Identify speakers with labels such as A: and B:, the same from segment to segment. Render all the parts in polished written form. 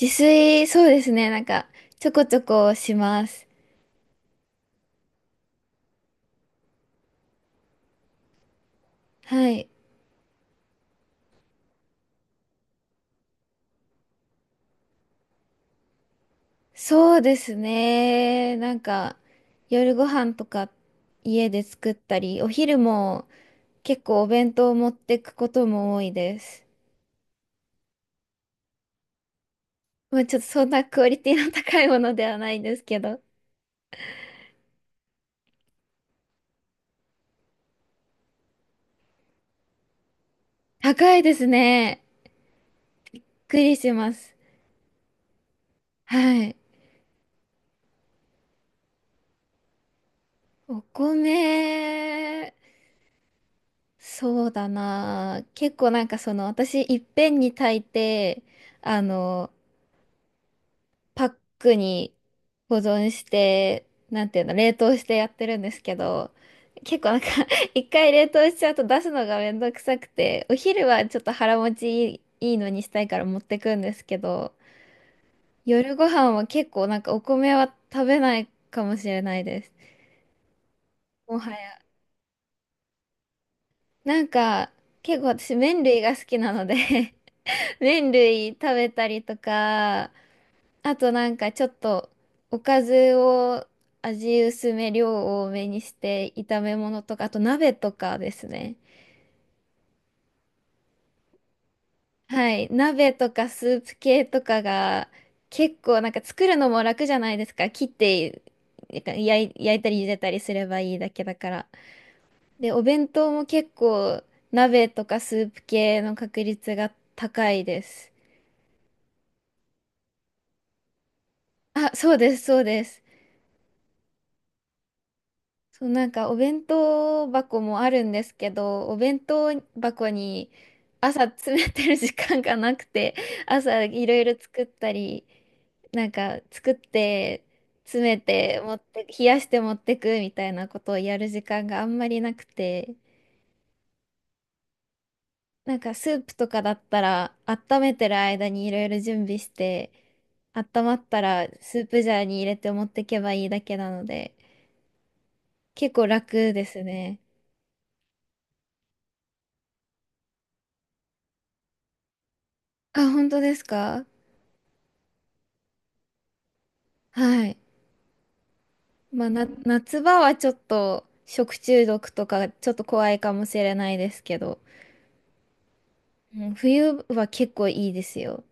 A: 自炊、そうですね。ちょこちょこします。はい。そうですね。夜ご飯とか家で作ったり、お昼も結構お弁当を持ってくことも多いです。まあちょっとそんなクオリティの高いものではないんですけど。高いですね。びっくりします。はい。お米、そうだな。結構その、私、いっぺんに炊いて、あの、パックに保存して、なんていうの、冷凍してやってるんですけど、結構 一回冷凍しちゃうと出すのがめんどくさくて、お昼はちょっと腹持ちいい、いいのにしたいから持ってくんですけど、夜ご飯は結構お米は食べないかもしれないです。もはや。なんか、結構私麺類が好きなので 麺類食べたりとか、あとなんかちょっとおかずを味薄め量多めにして炒め物とかあと鍋とかですね。はい、鍋とかスープ系とかが結構作るのも楽じゃないですか。切ってなんか焼いたり茹でたりすればいいだけだから。でお弁当も結構鍋とかスープ系の確率が高いです。あ、そうですそうです。そう、なんかお弁当箱もあるんですけど、お弁当箱に朝詰めてる時間がなくて、朝いろいろ作ったり、なんか作って詰めて持って冷やして持ってくみたいなことをやる時間があんまりなくて。なんかスープとかだったら温めてる間にいろいろ準備して、温まったらスープジャーに入れて持ってけばいいだけなので結構楽ですね。あ、本当ですか？はい。まあ、夏場はちょっと食中毒とかちょっと怖いかもしれないですけど、うん、冬は結構いいですよ。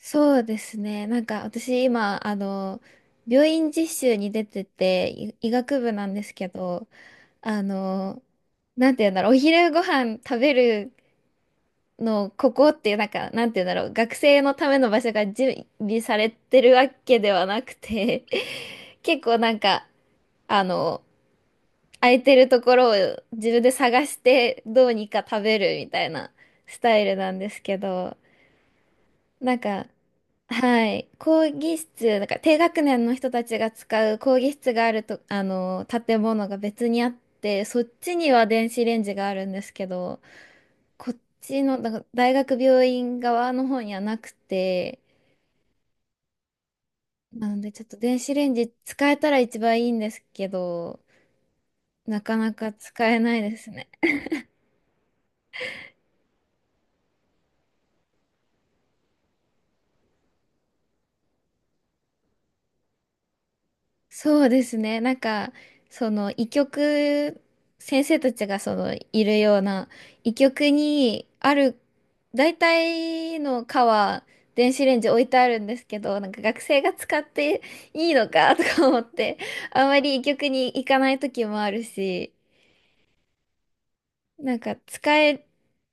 A: そうですね。私今、病院実習に出てて、医学部なんですけど、あの、なんて言うんだろう、お昼ご飯食べるのここっていう、なんかなんて言うんだろう、学生のための場所が準備されてるわけではなくて 結構あの空いてるところを自分で探してどうにか食べるみたいなスタイルなんですけど。なんかはい、講義室、なんか低学年の人たちが使う講義室がある、とあの建物が別にあってそっちには電子レンジがあるんですけど。こっちの、だから大学病院側の方にはなくて、なのでちょっと電子レンジ使えたら一番いいんですけど、なかなか使えないですね。そうですね。その、医局、先生たちがその、いるような、医局にある、大体の科は、電子レンジ置いてあるんですけど、なんか学生が使っていいのかとか思って、あんまり医局に行かない時もあるし、なんか使え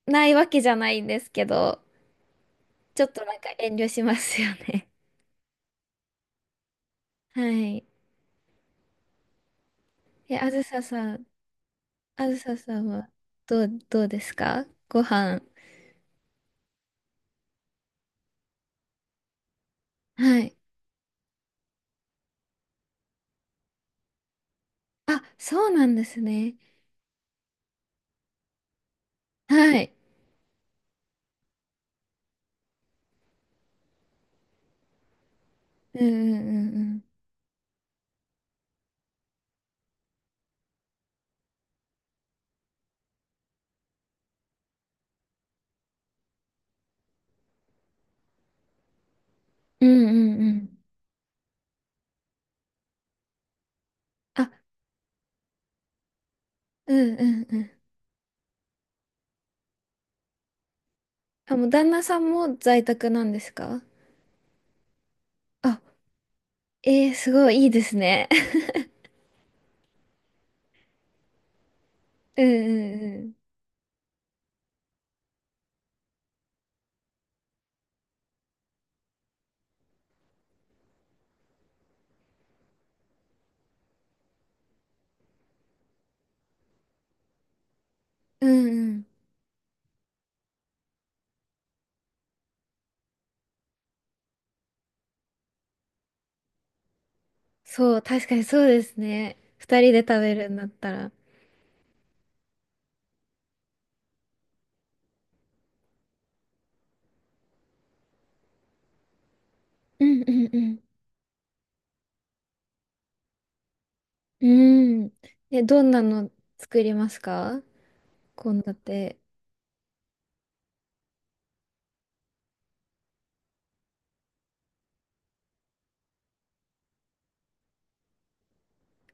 A: ないわけじゃないんですけど、ちょっとなんか遠慮しますよね。はい。え、あずささん、あずささんはどうですかご飯。はい。あ、そうなんですね。はい。うんうんうんうん。うんうんうん。あ、うんうんうん。あ、もう旦那さんも在宅なんですか？あ、えー、すごいいいですね。うんうんうん。うんうん。そう、確かにそうですね。二人で食べるんだったら。うんうんうん。うん。え、どんなの作りますか？献立。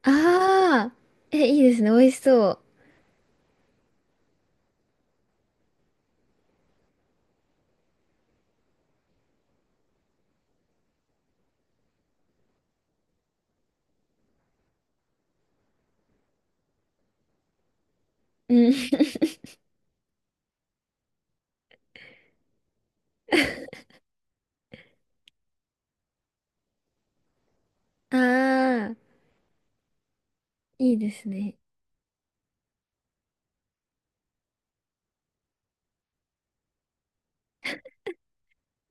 A: ああー、え、いいですね。美味しそう。うん。ああ、いいですね。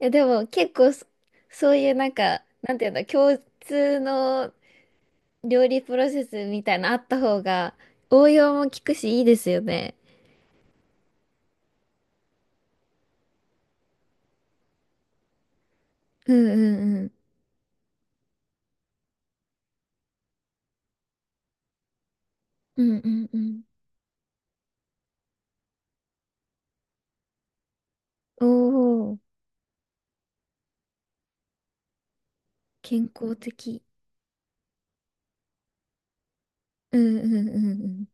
A: いや、でも結構そ、そういうなんか、なんていうんだ、共通の料理プロセスみたいなあった方が、応用も効くし、いいですよね。うんうんうん。うんうんうん。おお、健康的。うんうんうん。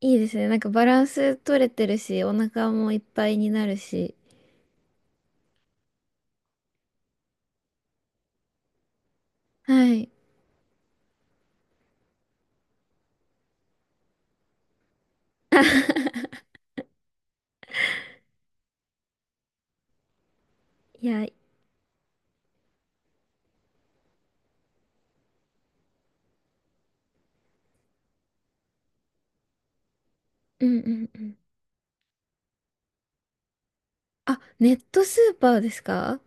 A: いいですね。なんかバランス取れてるし、お腹もいっぱいになるし。はい。いや、うんうんうん。あ、ネットスーパーですか？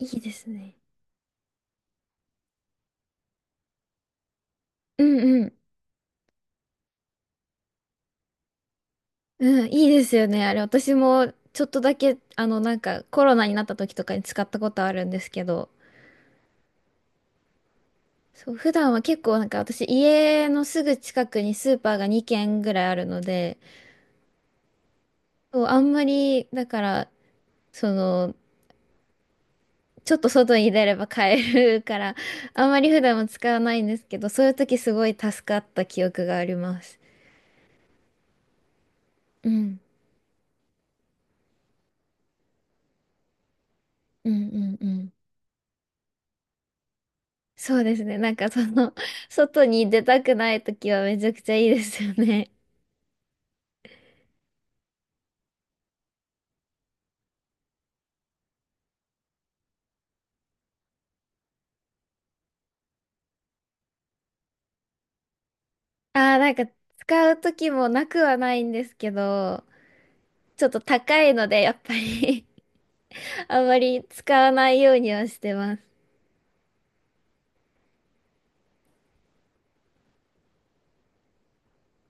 A: いいですね。うんうん。うん、いいですよね。あれ、私もちょっとだけ、なんかコロナになった時とかに使ったことあるんですけど、そう、普段は結構なんか私、家のすぐ近くにスーパーが2軒ぐらいあるので、そう、あんまり、だから、その、ちょっと外に出れば買えるから、あんまり普段は使わないんですけど、そういう時すごい助かった記憶があります。うん、うん、うん、うん。そうですね。なんかその、外に出たくない時はめちゃくちゃいいですよね。ああ、なんか使う時もなくはないんですけど、ちょっと高いので、やっぱり あんまり使わないようにはしてます。